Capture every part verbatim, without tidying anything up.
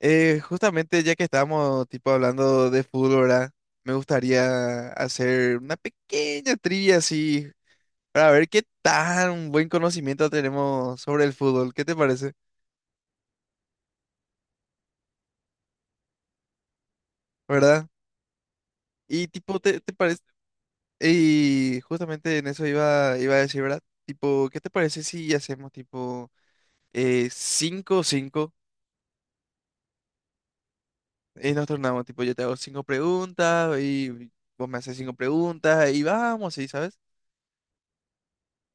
Eh, justamente ya que estábamos tipo hablando de fútbol, ¿verdad? Me gustaría hacer una pequeña trivia así para ver qué tan buen conocimiento tenemos sobre el fútbol. ¿Qué te parece? ¿Verdad? Y tipo, ¿te, te parece? Y justamente en eso iba, iba a decir, ¿verdad? Tipo, ¿qué te parece si hacemos tipo eh, cinco cinco y nos tornamos? Tipo, yo te hago cinco preguntas y vos me haces cinco preguntas y vamos, ¿sí? ¿Sabes?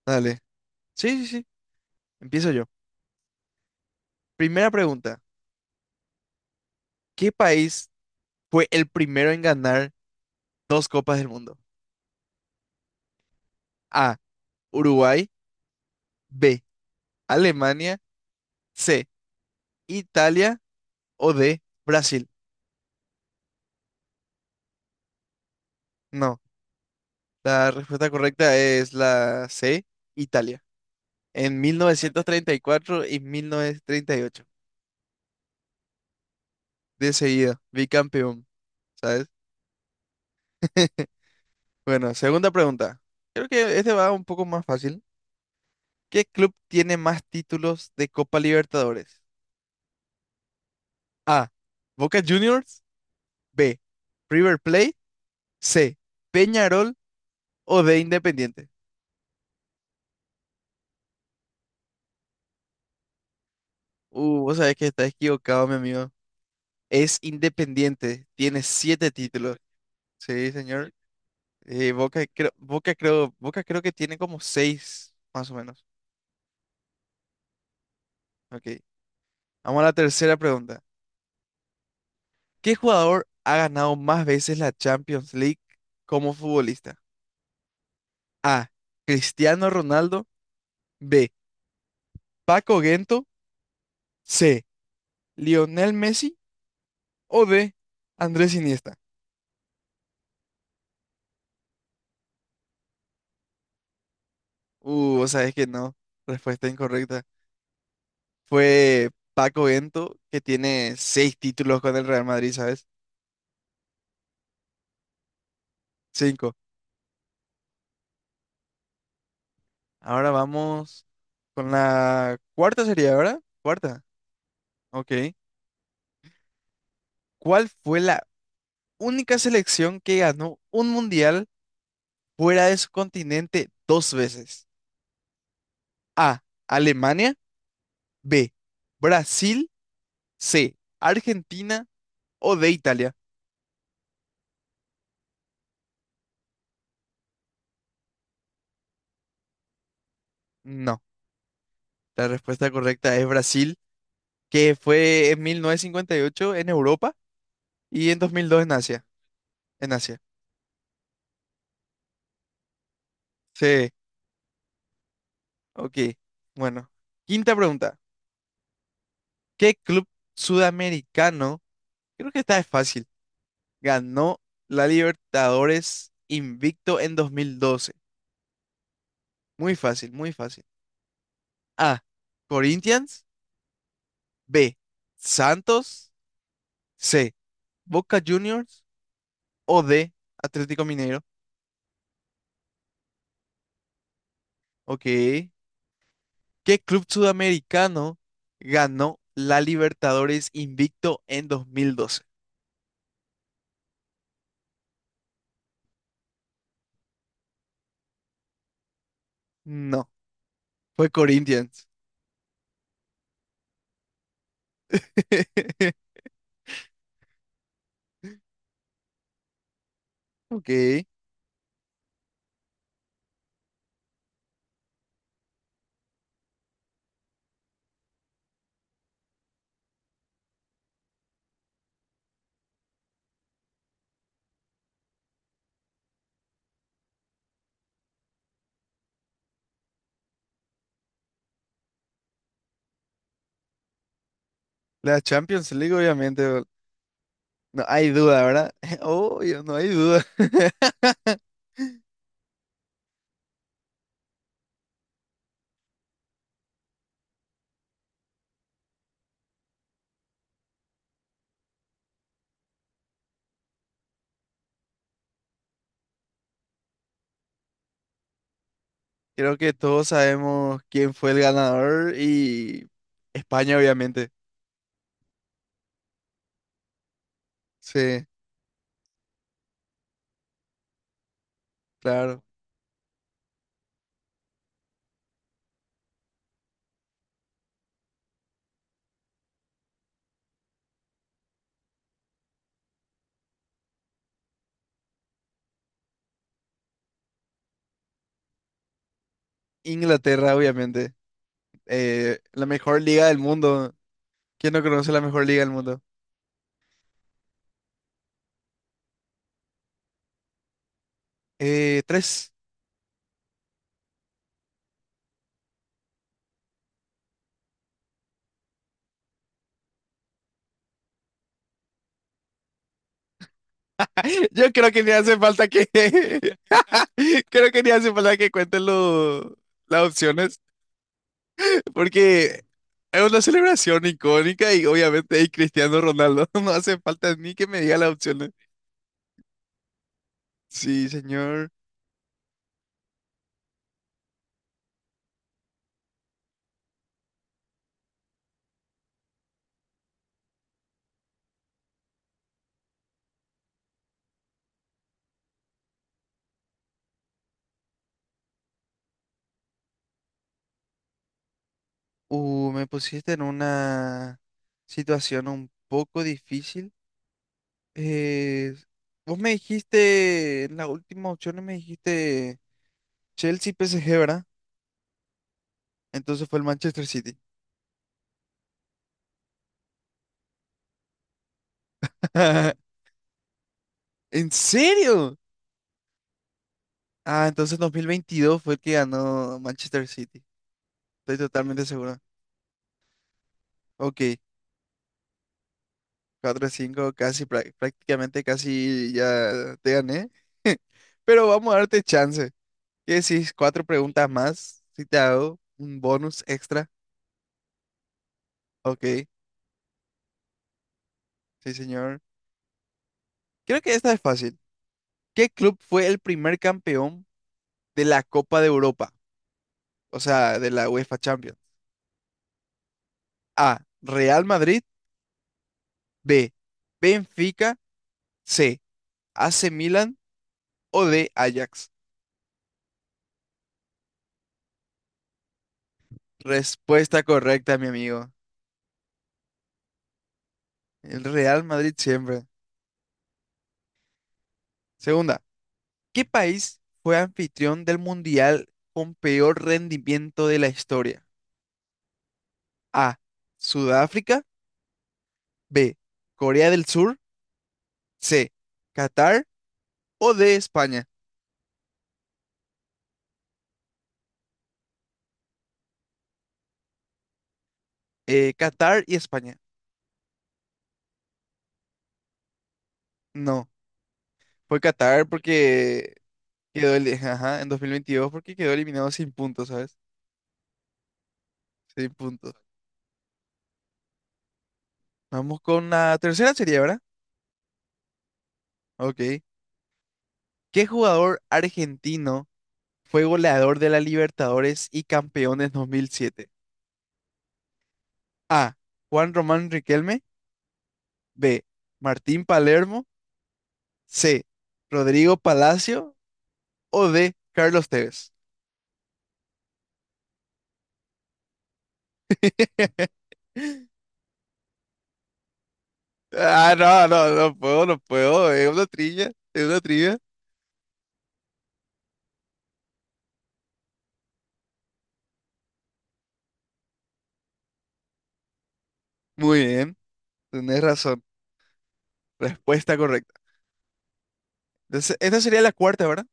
Dale. Sí, sí, sí. Empiezo yo. Primera pregunta, ¿qué país fue el primero en ganar dos Copas del Mundo? A, Uruguay, B, Alemania, C, Italia o D, Brasil. No, la respuesta correcta es la C, Italia, en mil novecientos treinta y cuatro y mil novecientos treinta y ocho, de seguida, bicampeón, ¿sabes? Bueno, segunda pregunta. Creo que este va un poco más fácil. ¿Qué club tiene más títulos de Copa Libertadores? A, Boca Juniors. B. River Plate. C. Peñarol o D. Independiente. Uh, vos sabés que estás equivocado, mi amigo. Es Independiente. Tiene siete títulos. Sí, señor. Eh, Boca, creo, Boca, creo, Boca creo que tiene como seis, más o menos. Ok. Vamos a la tercera pregunta. ¿Qué jugador ha ganado más veces la Champions League como futbolista? A. Cristiano Ronaldo. B. Paco Gento. C. Lionel Messi o D. Andrés Iniesta. Uh, vos sabés que no. Respuesta incorrecta. Fue Paco Bento, que tiene seis títulos con el Real Madrid, ¿sabes? Cinco. Ahora vamos con la cuarta sería, ¿verdad? Cuarta. Ok. ¿Cuál fue la única selección que ganó un mundial fuera de su continente dos veces? A. Alemania. B. Brasil. C. Argentina o de Italia. No. La respuesta correcta es Brasil, que fue en mil novecientos cincuenta y ocho en Europa y en dos mil dos en Asia. En Asia. Sí, ok. Bueno, quinta pregunta. ¿Qué club sudamericano, creo que esta es fácil, ganó la Libertadores invicto en dos mil doce? Muy fácil, muy fácil. A, Corinthians, B, Santos, C, Boca Juniors o D, Atlético Mineiro. Ok, ¿qué club sudamericano ganó la Libertadores invicto en dos mil doce? No, fue Corinthians. Ok, la Champions League obviamente, bol- no hay duda, ¿verdad? Obvio, no hay duda. Creo que todos sabemos quién fue el ganador y España obviamente. Sí, claro. Inglaterra obviamente. Eh, la mejor liga del mundo. ¿Quién no conoce la mejor liga del mundo? Eh, tres. Yo creo que ni hace falta que, creo que ni hace falta que cuenten lo- las opciones, porque es una celebración icónica y obviamente hay Cristiano Ronaldo. No hace falta ni que me diga las opciones. Sí, señor. Uh, me pusiste en una situación un poco difícil. Eh, Vos me dijiste, en la última opción me dijiste Chelsea P S G, ¿verdad? Entonces fue el Manchester City. ¿En serio? Ah, entonces dos mil veintidós fue el que ganó Manchester City. Estoy totalmente seguro. Ok, cuatro cinco, casi, prá- prácticamente casi ya te gané. Pero vamos a darte chance. ¿Qué decís? Cuatro preguntas más. Si te hago un bonus extra. Ok, sí, señor. Creo que esta es fácil. ¿Qué club fue el primer campeón de la Copa de Europa? O sea, de la UEFA Champions. A. Real Madrid. B. Benfica. C. A C Milan o D. Ajax. Respuesta correcta, mi amigo. El Real Madrid siempre. Segunda, ¿qué país fue anfitrión del Mundial con peor rendimiento de la historia? A. Sudáfrica. B. Corea del Sur. C. Qatar. O D. España. Eh, Qatar y España. No, fue Qatar porque quedó el, ajá, en dos mil veintidós porque quedó eliminado sin puntos, ¿sabes? Sin puntos. Vamos con la tercera serie, ¿verdad? Ok. ¿Qué jugador argentino? Fue goleador de la Libertadores y Campeones dos mil siete. A. Juan Román Riquelme. B. Martín Palermo. C. Rodrigo Palacio. O D. Carlos Tevez. Ah, no, no, no puedo, no puedo. Es una trivia, es una trivia. Muy bien, tenés razón. Respuesta correcta. Entonces, esta sería la cuarta, ¿verdad?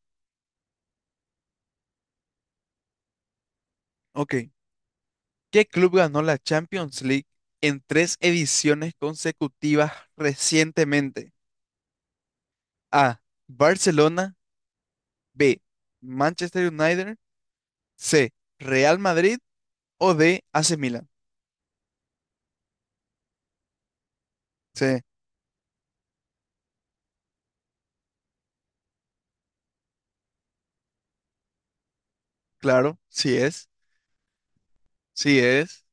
Ok. ¿Qué club ganó la Champions League en tres ediciones consecutivas recientemente? A. Barcelona. B. Manchester United. C. Real Madrid o D. A C Milan. Sí, claro, sí es. Sí es.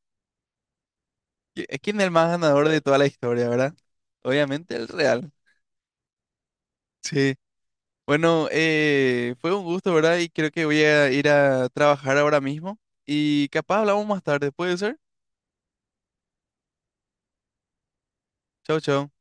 ¿Qui- eh, ¿Quién es el más ganador de toda la historia, verdad? Obviamente el Real. Sí. Bueno, eh, fue un gusto, ¿verdad? Y creo que voy a ir a trabajar ahora mismo. Y capaz hablamos más tarde, ¿puede ser? Chao, chao.